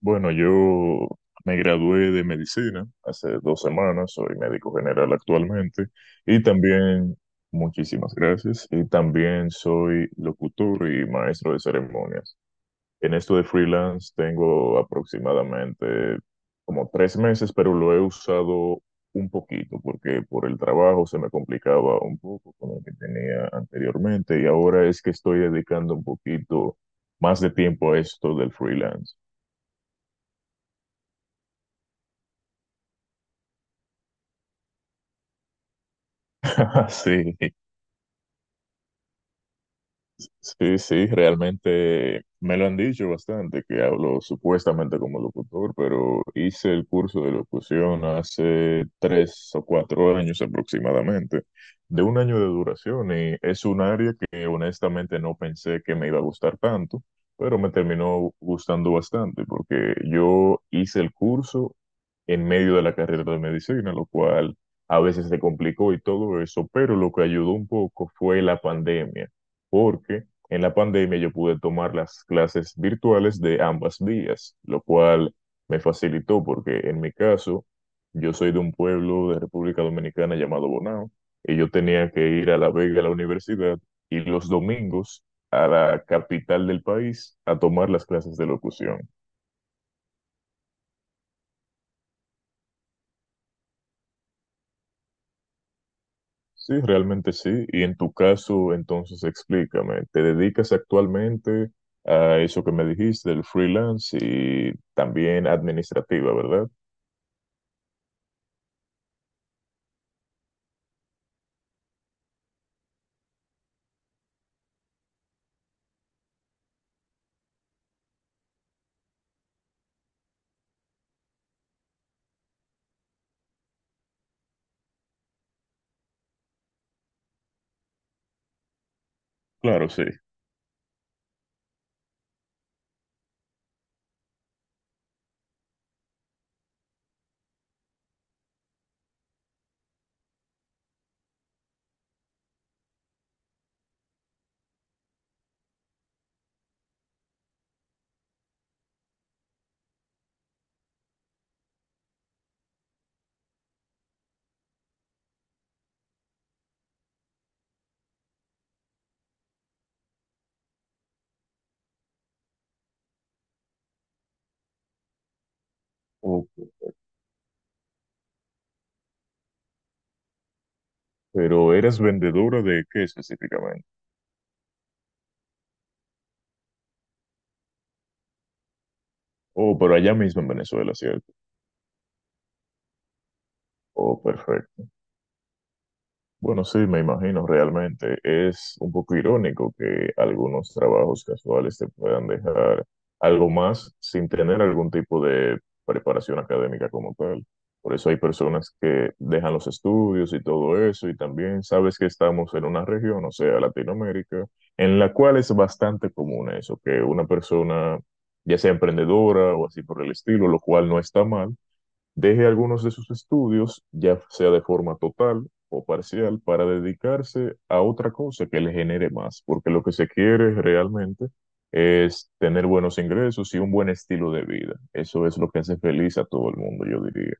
Bueno, yo me gradué de medicina hace 2 semanas, soy médico general actualmente y también, muchísimas gracias, y también soy locutor y maestro de ceremonias. En esto de freelance tengo aproximadamente como 3 meses, pero lo he usado un poquito porque por el trabajo se me complicaba un poco con lo que tenía anteriormente y ahora es que estoy dedicando un poquito más de tiempo a esto del freelance. Sí, Sí, sí, realmente me lo han dicho bastante, que hablo supuestamente como locutor, pero hice el curso de locución hace 3 o 4 años aproximadamente, de un año de duración, y es un área que honestamente no pensé que me iba a gustar tanto, pero me terminó gustando bastante, porque yo hice el curso en medio de la carrera de medicina, lo cual a veces se complicó y todo eso, pero lo que ayudó un poco fue la pandemia porque en la pandemia yo pude tomar las clases virtuales de ambas vías, lo cual me facilitó porque en mi caso yo soy de un pueblo de República Dominicana llamado Bonao y yo tenía que ir a La Vega a la universidad y los domingos a la capital del país a tomar las clases de locución. Sí, realmente sí. Y en tu caso, entonces explícame, ¿te dedicas actualmente a eso que me dijiste, el freelance y también administrativa, verdad? Claro, sí. Ok. ¿Pero eras vendedora de qué específicamente? Oh, pero allá mismo en Venezuela, ¿cierto? Oh, perfecto. Bueno, sí, me imagino realmente. Es un poco irónico que algunos trabajos casuales te puedan dejar algo más sin tener algún tipo de preparación académica como tal. Por eso hay personas que dejan los estudios y todo eso, y también sabes que estamos en una región, o sea, Latinoamérica, en la cual es bastante común eso, que una persona, ya sea emprendedora o así por el estilo, lo cual no está mal, deje algunos de sus estudios, ya sea de forma total o parcial, para dedicarse a otra cosa que le genere más, porque lo que se quiere realmente es tener buenos ingresos y un buen estilo de vida. Eso es lo que hace feliz a todo el mundo, yo diría.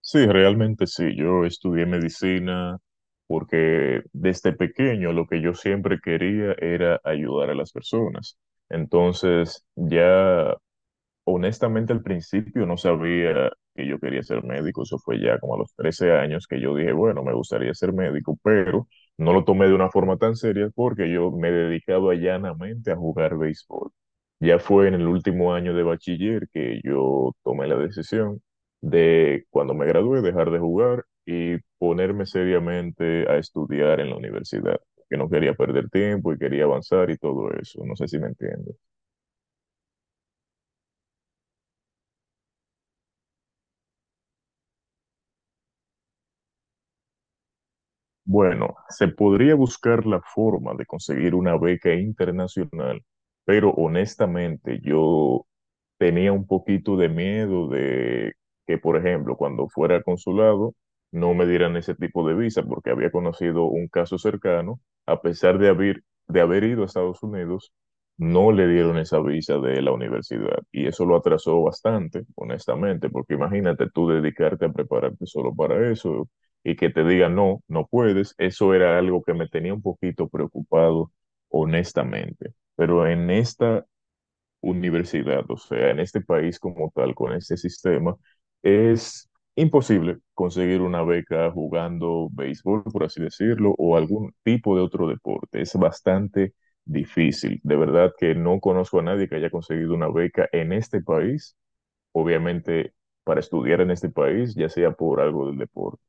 Sí, realmente sí. Yo estudié medicina porque desde pequeño lo que yo siempre quería era ayudar a las personas. Entonces, ya, honestamente, al principio no sabía que yo quería ser médico, eso fue ya como a los 13 años que yo dije, bueno, me gustaría ser médico, pero no lo tomé de una forma tan seria porque yo me dedicaba llanamente a jugar béisbol. Ya fue en el último año de bachiller que yo tomé la decisión de, cuando me gradué, dejar de jugar y ponerme seriamente a estudiar en la universidad, que no quería perder tiempo y quería avanzar y todo eso, no sé si me entiendes. Bueno, se podría buscar la forma de conseguir una beca internacional, pero honestamente yo tenía un poquito de miedo de que, por ejemplo, cuando fuera al consulado, no me dieran ese tipo de visa, porque había conocido un caso cercano, a pesar de haber ido a Estados Unidos, no le dieron esa visa de la universidad. Y eso lo atrasó bastante, honestamente, porque imagínate tú dedicarte a prepararte solo para eso y que te digan no, no puedes, eso era algo que me tenía un poquito preocupado, honestamente. Pero en esta universidad, o sea, en este país como tal, con este sistema, es imposible conseguir una beca jugando béisbol, por así decirlo, o algún tipo de otro deporte. Es bastante difícil. De verdad que no conozco a nadie que haya conseguido una beca en este país, obviamente para estudiar en este país, ya sea por algo del deporte.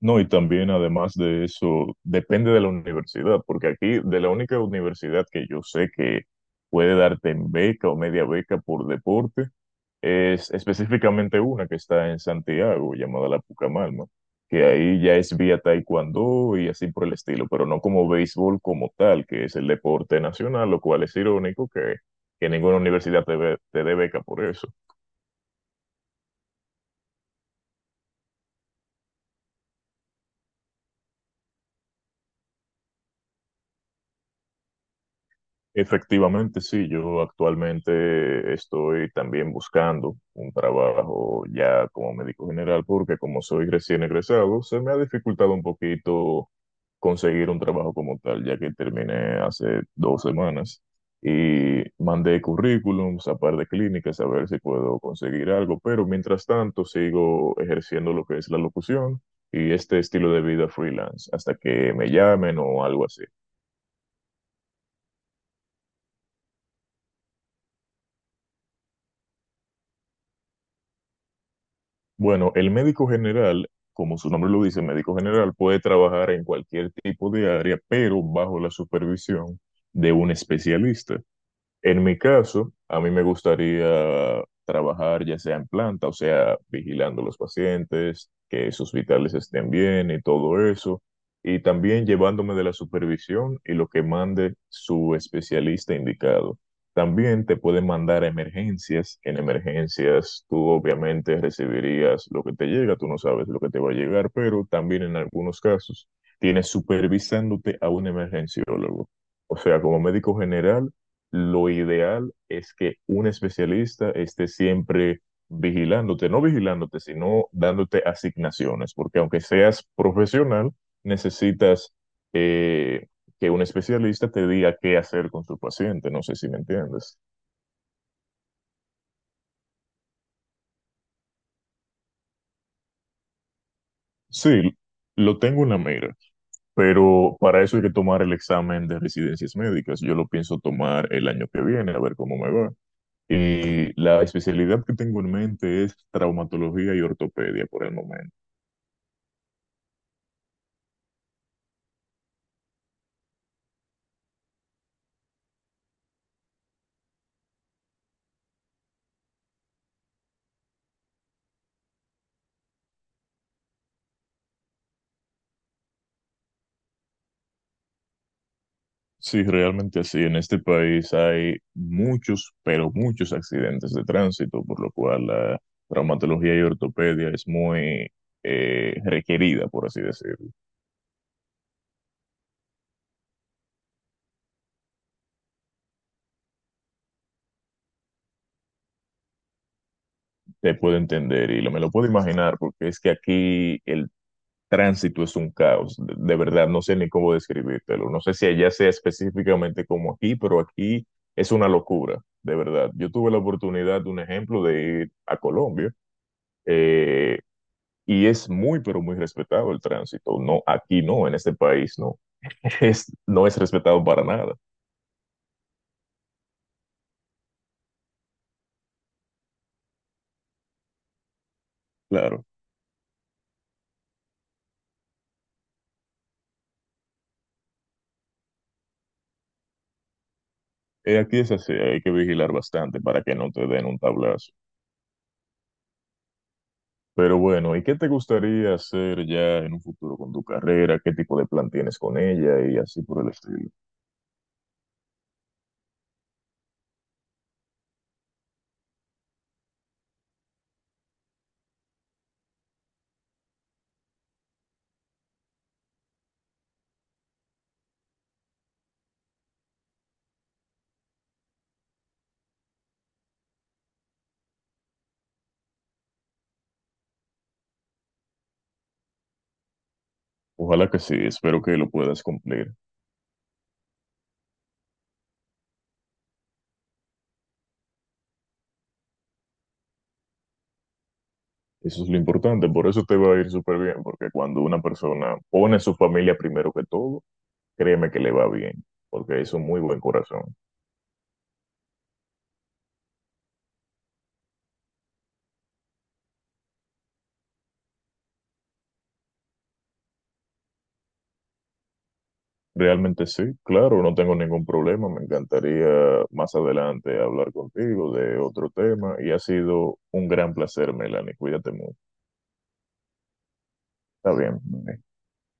No, y también además de eso, depende de la universidad, porque aquí de la única universidad que yo sé que puede darte en beca o media beca por deporte, es específicamente una que está en Santiago, llamada la Pucamalma, que ahí ya es vía taekwondo y así por el estilo, pero no como béisbol como tal, que es el deporte nacional, lo cual es irónico que ninguna universidad te, te dé beca por eso. Efectivamente, sí, yo actualmente estoy también buscando un trabajo ya como médico general porque como soy recién egresado, se me ha dificultado un poquito conseguir un trabajo como tal, ya que terminé hace 2 semanas y mandé currículums a par de clínicas a ver si puedo conseguir algo, pero mientras tanto sigo ejerciendo lo que es la locución y este estilo de vida freelance hasta que me llamen o algo así. Bueno, el médico general, como su nombre lo dice, médico general puede trabajar en cualquier tipo de área, pero bajo la supervisión de un especialista. En mi caso, a mí me gustaría trabajar ya sea en planta, o sea, vigilando a los pacientes, que sus vitales estén bien y todo eso, y también llevándome de la supervisión y lo que mande su especialista indicado. También te pueden mandar a emergencias. En emergencias tú obviamente recibirías lo que te llega, tú no sabes lo que te va a llegar, pero también en algunos casos tienes supervisándote a un emergenciólogo. O sea, como médico general, lo ideal es que un especialista esté siempre vigilándote, no vigilándote, sino dándote asignaciones, porque aunque seas profesional, necesitas eh, que un especialista te diga qué hacer con tu paciente, no sé si me entiendes. Sí, lo tengo en la mira, pero para eso hay que tomar el examen de residencias médicas. Yo lo pienso tomar el año que viene, a ver cómo me va. Y la especialidad que tengo en mente es traumatología y ortopedia por el momento. Sí, realmente así. En este país hay muchos, pero muchos accidentes de tránsito, por lo cual la traumatología y ortopedia es muy requerida, por así decirlo. Te puedo entender y lo, me lo puedo imaginar porque es que aquí el tránsito es un caos. De verdad, no sé ni cómo describírtelo. No sé si allá sea específicamente como aquí, pero aquí es una locura, de verdad. Yo tuve la oportunidad, un ejemplo, de ir a Colombia. Eh, y es muy, pero muy respetado el tránsito. No, aquí no, en este país no. Es, no es respetado para nada, claro. Aquí es así, hay que vigilar bastante para que no te den un tablazo. Pero bueno, ¿y qué te gustaría hacer ya en un futuro con tu carrera? ¿Qué tipo de plan tienes con ella? Y así por el estilo. Ojalá que sí, espero que lo puedas cumplir. Eso es lo importante, por eso te va a ir súper bien, porque cuando una persona pone a su familia primero que todo, créeme que le va bien, porque es un muy buen corazón. Realmente sí, claro, no tengo ningún problema. Me encantaría más adelante hablar contigo de otro tema y ha sido un gran placer, Melanie. Cuídate mucho. Está bien.